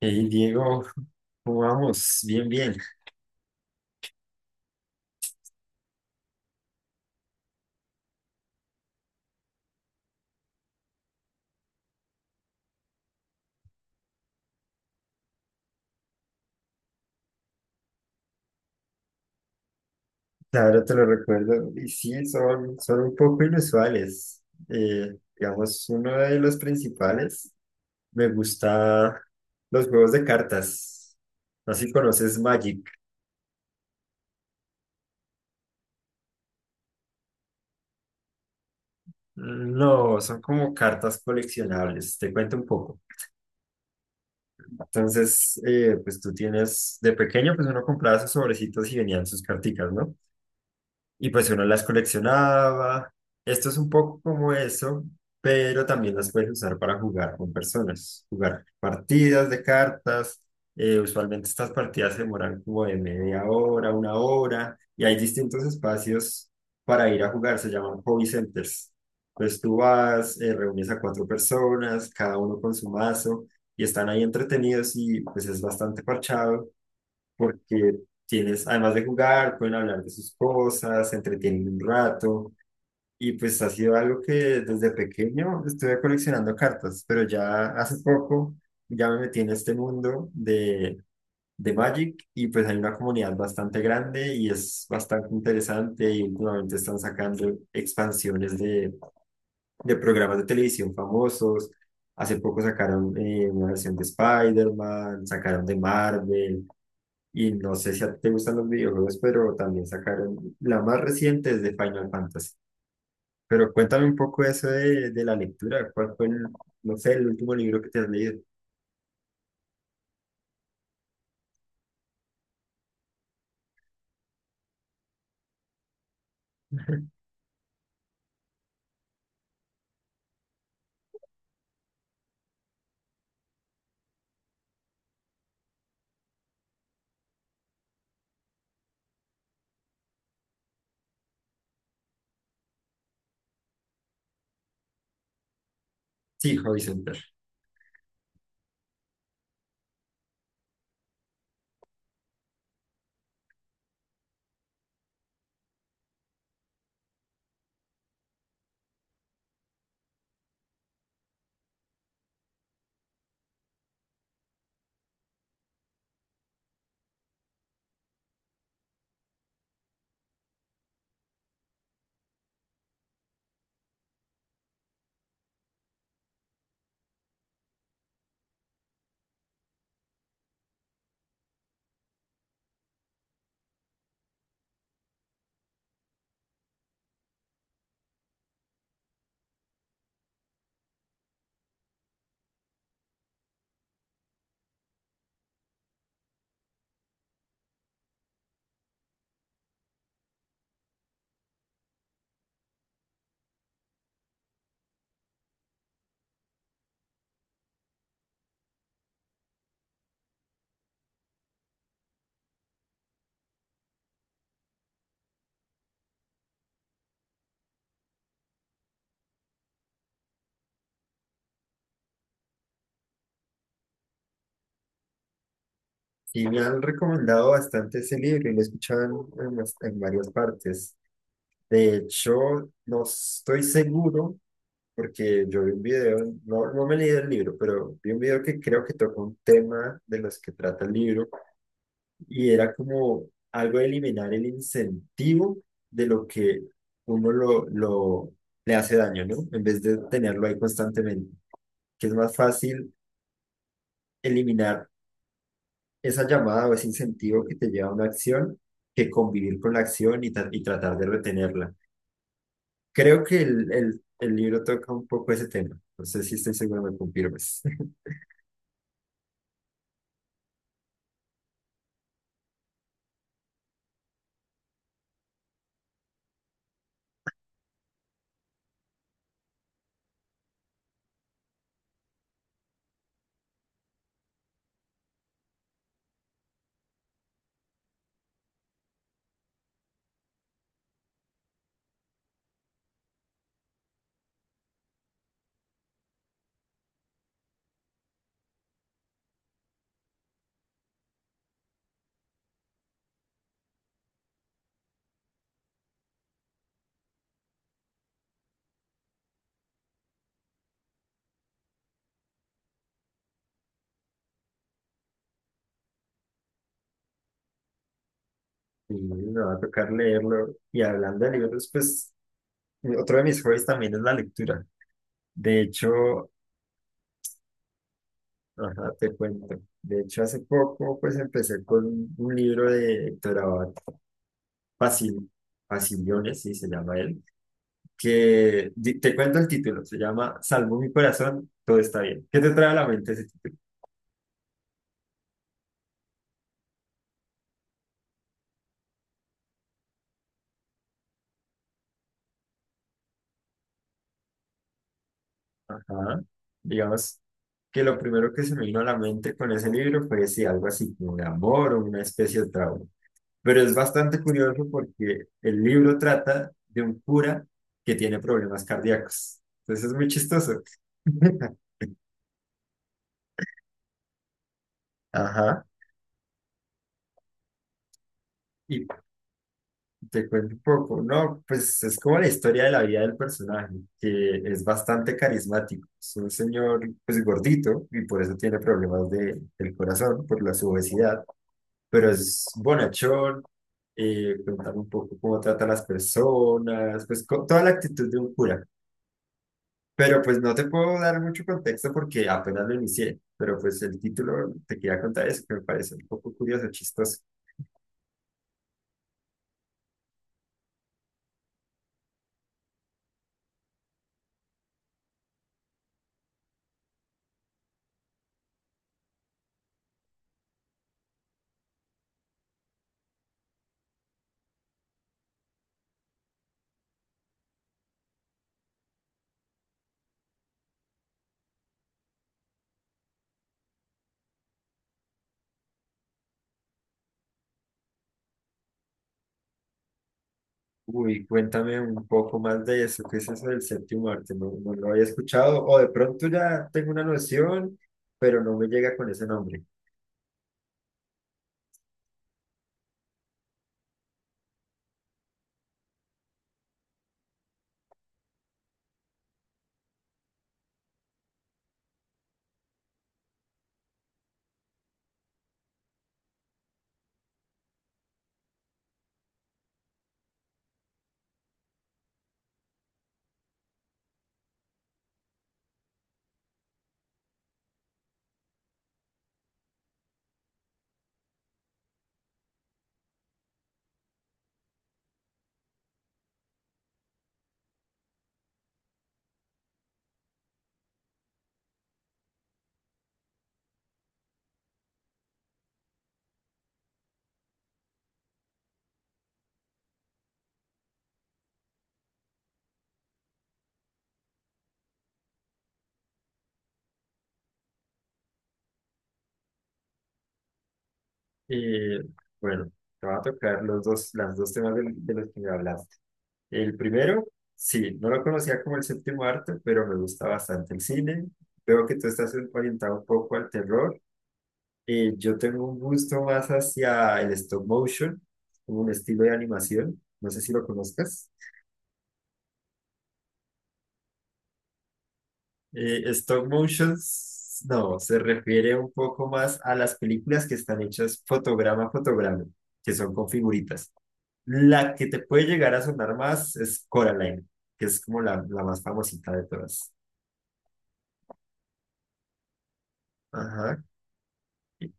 Hey Diego, ¿cómo vamos? Bien, bien. Ahora te lo recuerdo. Y sí, son un poco inusuales. Digamos, uno de los principales, me gusta los juegos de cartas. No sé si conoces Magic. No, son como cartas coleccionables. Te cuento un poco. Entonces, pues tú tienes, de pequeño, pues uno compraba sus sobrecitos y venían sus carticas, ¿no? Y pues uno las coleccionaba. Esto es un poco como eso, pero también las puedes usar para jugar con personas, jugar partidas de cartas. Usualmente estas partidas se demoran como de media hora, 1 hora, y hay distintos espacios para ir a jugar, se llaman hobby centers. Entonces tú vas, reúnes a cuatro personas, cada uno con su mazo, y están ahí entretenidos, y pues es bastante parchado porque tienes, además de jugar, pueden hablar de sus cosas, se entretienen un rato. Y pues ha sido algo que desde pequeño estuve coleccionando cartas, pero ya hace poco ya me metí en este mundo de Magic, y pues hay una comunidad bastante grande y es bastante interesante, y últimamente están sacando expansiones de programas de televisión famosos. Hace poco sacaron una versión de Spider-Man, sacaron de Marvel, y no sé si a ti te gustan los videojuegos, pero también sacaron, la más reciente es de Final Fantasy. Pero cuéntame un poco eso de la lectura. ¿Cuál fue el, no sé, el último libro que te has leído? Sí, Hobby Center. Y me han recomendado bastante ese libro y lo he escuchado en, en varias partes. De hecho, no estoy seguro porque yo vi un video, no, no me leí el libro, pero vi un video que creo que toca un tema de los que trata el libro, y era como algo de eliminar el incentivo de lo que uno lo le hace daño, ¿no? En vez de tenerlo ahí constantemente, que es más fácil eliminar esa llamada o ese incentivo que te lleva a una acción, que convivir con la acción y, y tratar de retenerla. Creo que el libro toca un poco ese tema. No sé si estoy seguro, me confirmes. Y me va a tocar leerlo. Y hablando de libros, pues otro de mis hobbies también es la lectura. De hecho, ajá, te cuento. De hecho, hace poco pues empecé con un libro de Héctor Abad Pasil, Pasiliones, sí se llama él, que di- te cuento el título, se llama Salvo mi corazón, todo está bien. ¿Qué te trae a la mente ese título? Ajá. Digamos que lo primero que se me vino a la mente con ese libro fue sí, algo así como de amor o una especie de trauma. Pero es bastante curioso porque el libro trata de un cura que tiene problemas cardíacos. Entonces es muy chistoso. Ajá, y te cuento un poco, ¿no? Pues es como la historia de la vida del personaje, que es bastante carismático. Es un señor, pues gordito, y por eso tiene problemas de, del corazón, por la su obesidad, pero es bonachón, contar un poco cómo trata a las personas, pues con toda la actitud de un cura. Pero pues no te puedo dar mucho contexto porque apenas lo inicié, pero pues el título te quería contar eso, que me parece un poco curioso, chistoso. Uy, cuéntame un poco más de eso. ¿Qué es eso del séptimo arte? No, no lo había escuchado, o de pronto ya tengo una noción, pero no me llega con ese nombre. Y bueno, te va a tocar los dos, las dos temas del- de, los que me hablaste. El primero, sí, no lo conocía como el séptimo arte, pero me gusta bastante el cine. Veo que tú estás orientado un poco al terror. Yo tengo un gusto más hacia el stop motion, como un estilo de animación. No sé si lo conozcas. Stop motions, no, se refiere un poco más a las películas que están hechas fotograma a fotograma, que son con figuritas. La que te puede llegar a sonar más es Coraline, que es como la más famosita de todas. Ajá, y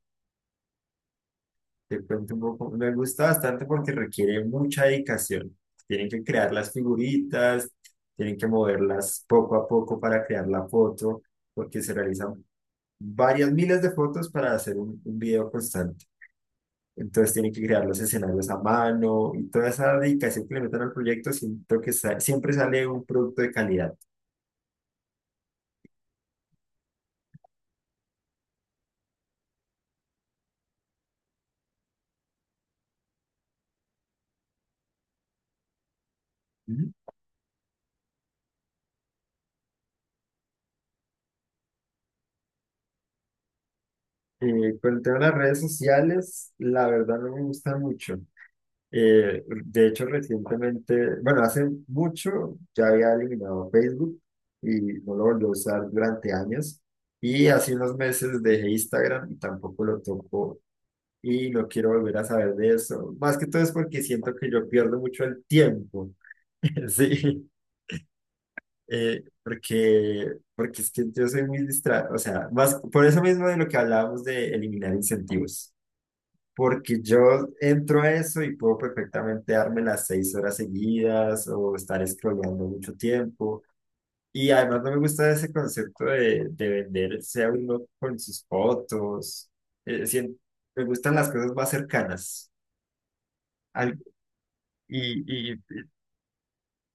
te cuento un poco, me gusta bastante porque requiere mucha dedicación. Tienen que crear las figuritas, tienen que moverlas poco a poco para crear la foto, porque se realizan varias miles de fotos para hacer un video constante. Entonces tienen que crear los escenarios a mano, y toda esa dedicación que le meten al proyecto, siento que siempre sale un producto de calidad. Ujú. Con el tema de las redes sociales, la verdad no me gusta mucho. De hecho, recientemente, bueno, hace mucho ya había eliminado Facebook y no lo volví a usar durante años. Y hace unos meses dejé Instagram y tampoco lo toco y no quiero volver a saber de eso. Más que todo es porque siento que yo pierdo mucho el tiempo. Sí. Porque, es que yo soy muy distraído, o sea, más, por eso mismo de lo que hablábamos de eliminar incentivos, porque yo entro a eso y puedo perfectamente darme las 6 horas seguidas o estar scrolleando mucho tiempo. Y además no me gusta ese concepto de venderse a uno con sus fotos. Eh, sien- Me gustan las cosas más cercanas. Al- y,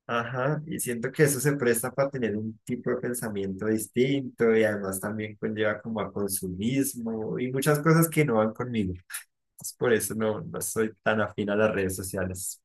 ajá, y siento que eso se presta para tener un tipo de pensamiento distinto, y además también conlleva como a consumismo y muchas cosas que no van conmigo. Entonces, por eso no, no soy tan afín a las redes sociales.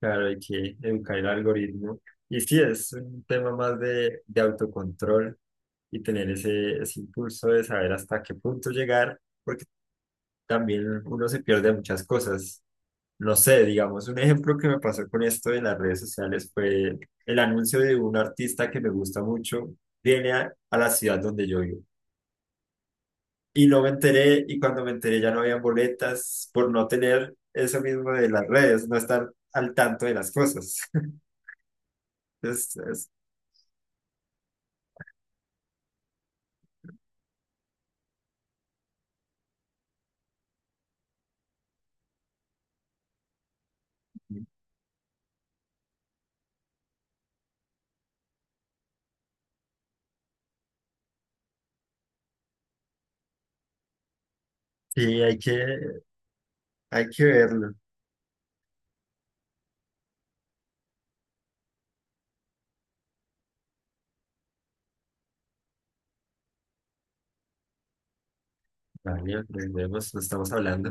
Claro, hay que educar el algoritmo. Y sí, es un tema más de autocontrol y tener ese impulso de saber hasta qué punto llegar, porque también uno se pierde muchas cosas. No sé, digamos, un ejemplo que me pasó con esto de las redes sociales fue el anuncio de un artista que me gusta mucho, viene a la ciudad donde yo vivo. Y no me enteré, y cuando me enteré ya no había boletas por no tener eso mismo de las redes, no estar al tanto de las cosas. Es, es- sí, hay que verlo. Vale, nos vemos, nos estamos hablando.